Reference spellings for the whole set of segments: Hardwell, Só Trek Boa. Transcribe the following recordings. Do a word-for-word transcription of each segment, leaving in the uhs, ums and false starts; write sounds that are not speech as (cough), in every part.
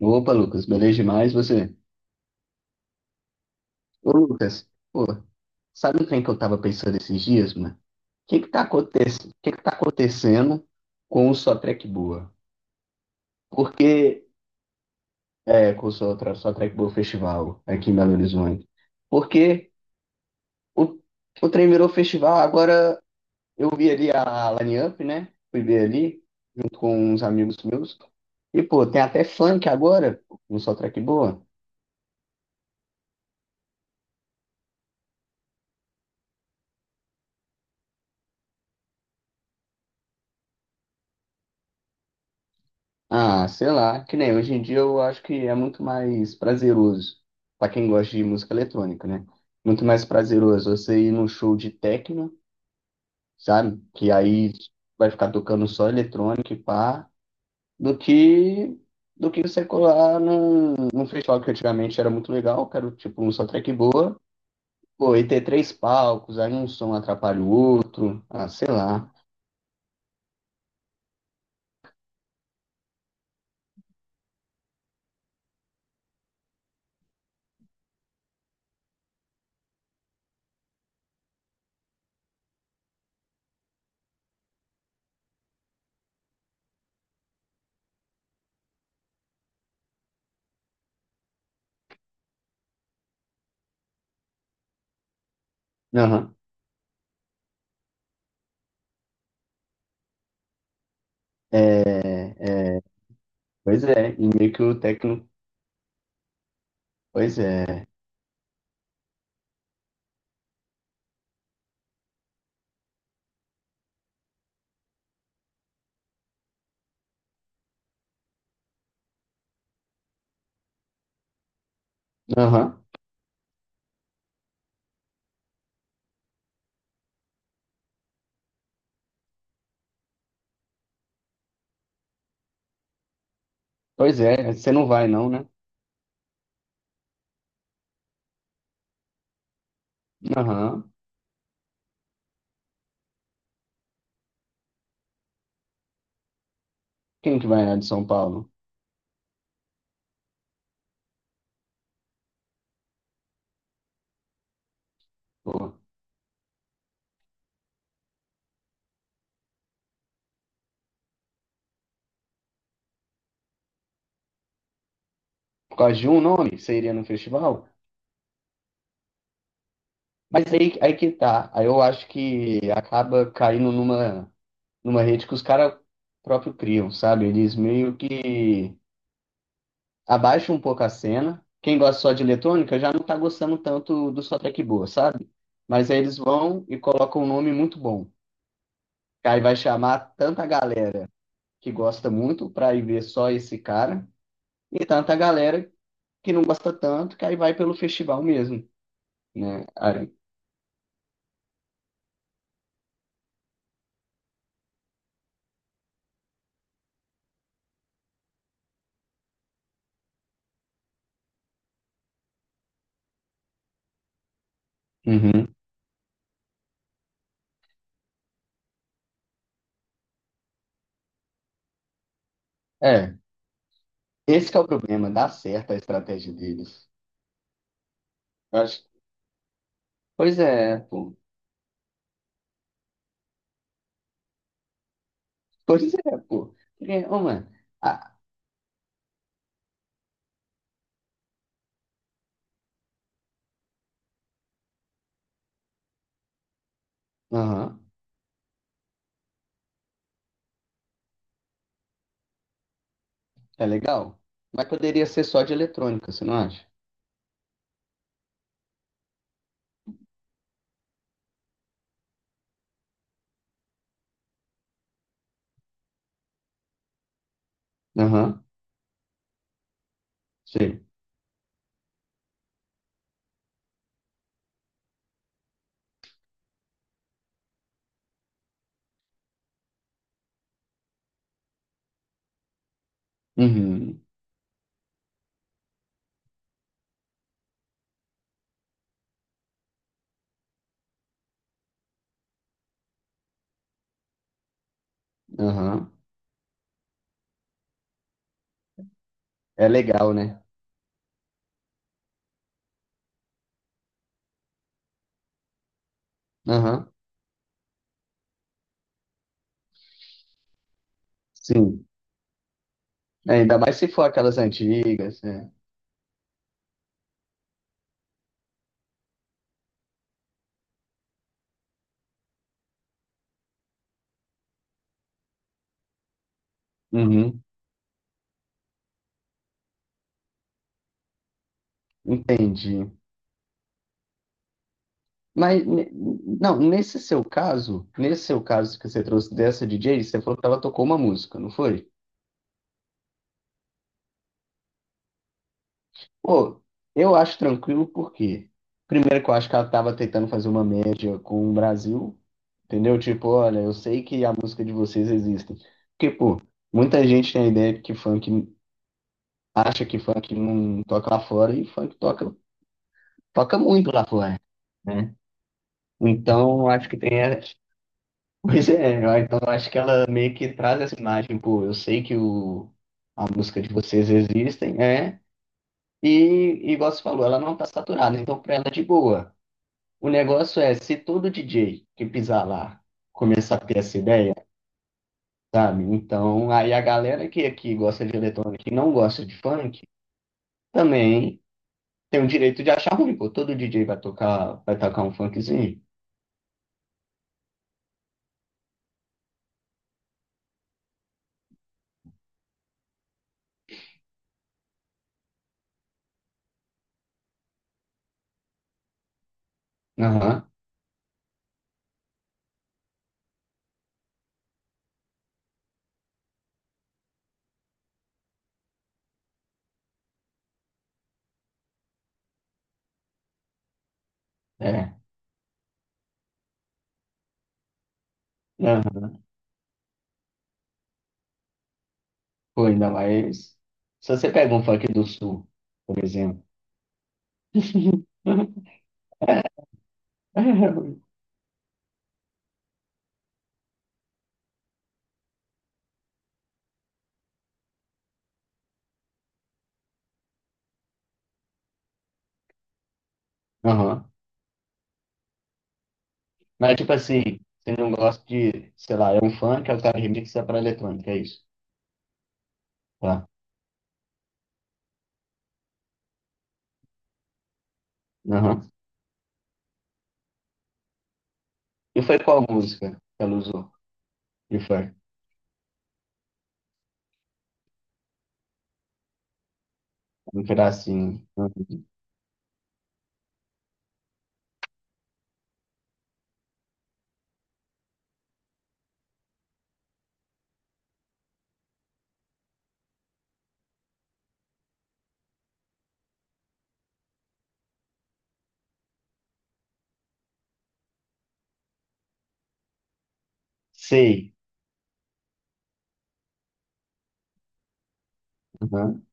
Opa, Lucas, beleza demais você? Ô, Lucas, pô, sabe um trem que eu tava pensando esses dias, mano? O que que tá acontecendo, que que tá acontecendo com o Só Trek Boa? Porque, é, com o Só, Tra- Só Trek Boa Festival aqui em Belo Horizonte? Porque o, o trem virou festival, agora eu vi ali a Line Up, né? Fui ver ali, junto com uns amigos meus. E, pô, tem até funk agora no Só Trek Boa. Ah, sei lá, que nem hoje em dia eu acho que é muito mais prazeroso para quem gosta de música eletrônica, né? Muito mais prazeroso você ir num show de techno, sabe? Que aí vai ficar tocando só eletrônica e pá, do que do que você colar num, num festival que antigamente era muito legal, que era tipo um só track boa, pô, e ter três palcos, aí um som atrapalha o outro, ah, sei lá. Aham. É, é, pois é, e meio que o techno, pois é. Aham. Pois é, você não vai não, né? Aham. Quem que vai lá de São Paulo? Pô. Por causa de um nome, você iria no festival? Mas aí, aí que tá. Aí eu acho que acaba caindo numa, numa rede que os caras próprio criam, sabe? Eles meio que abaixam um pouco a cena. Quem gosta só de eletrônica já não tá gostando tanto do só track boa, sabe? Mas aí eles vão e colocam um nome muito bom. Aí vai chamar tanta galera que gosta muito pra ir ver só esse cara e tanta galera que não gosta tanto, que aí vai pelo festival mesmo, né? Aí, uhum. É, esse que é o problema, dá certo a estratégia deles. Eu acho, pois é, pô. Pois é, pô. Porque, ô, mano, ah, aham, é legal. Mas poderia ser só de eletrônica, você não acha? Aham, sei. Uhum, aham. É legal, né? Aham, sim. É, ainda mais se for aquelas antigas, né? Uhum, entendi. Mas, ne- não, nesse seu caso, nesse seu caso que você trouxe dessa D J, você falou que ela tocou uma música, não foi? Pô, eu acho tranquilo porque, primeiro que eu acho que ela tava tentando fazer uma média com o Brasil, entendeu? Tipo, olha, eu sei que a música de vocês existe. Porque, pô, muita gente tem a ideia de que funk, acha que funk não toca lá fora e funk toca, toca muito lá fora, né? Então, acho que tem. Pois é, eu- então eu acho que ela meio que traz essa imagem, pô, eu sei que o, a música de vocês existem, é, e e igual você falou, ela não tá saturada, então pra ela é de boa. O negócio é, se todo D J que pisar lá começar a ter essa ideia, sabe? Então, aí a galera que aqui gosta de eletrônica e não gosta de funk, também tem o direito de achar ruim, pô, todo D J vai tocar, vai tocar um funkzinho. Aham, é, aham, pô, ainda mais, se você pega um funk do sul, por exemplo, (laughs) Aham. Mas, tipo assim, você não gosta de, sei lá, é um funk, aí o cara remixa pra eletrônica, é isso. Tá. Aham. E foi qual música que ela usou? E foi? Um pedacinho. Uhum. Sei. Aham.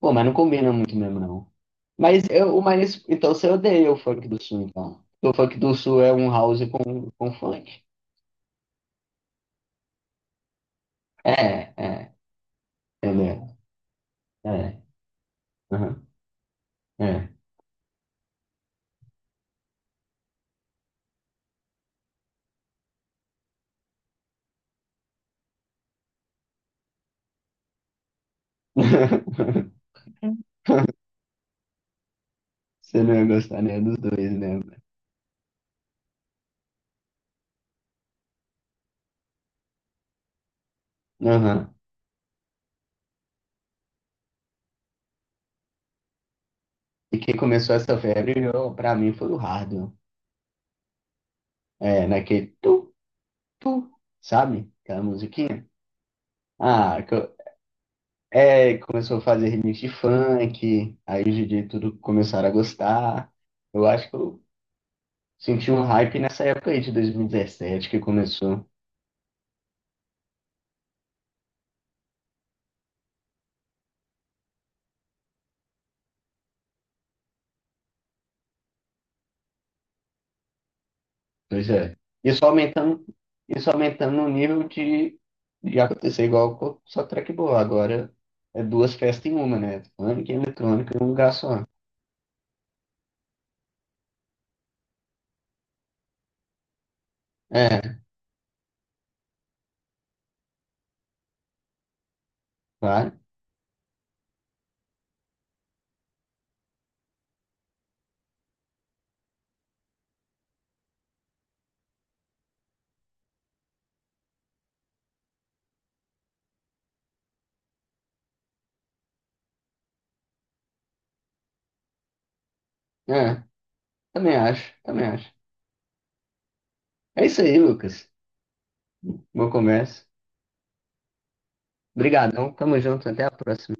Pô, mas não combina muito mesmo, não. Mas, eu, mas então você odeia o funk do sul, então. O funk do sul é um house com, com funk. É, é. Entendeu? É. Aham. É. (laughs) Você não ia gostar nem dos dois, né? Aham. E quem começou essa febre, eu, pra mim, foi o Hardwell. É, naquele tu, tu, sabe? Aquela musiquinha. Ah, que eu- é, começou a fazer remix de funk, aí os D J tudo começaram a gostar. Eu acho que eu senti um hype nessa época aí de dois mil e dezessete que começou. Pois é. Isso aumentando, isso aumentando o nível de, de acontecer igual com- só track boa. Agora é duas festas em uma, né? Funk e eletrônico em um lugar só. Claro. É. Também acho, também acho. É isso aí, Lucas. Boa conversa. Obrigadão, tamo junto, até a próxima.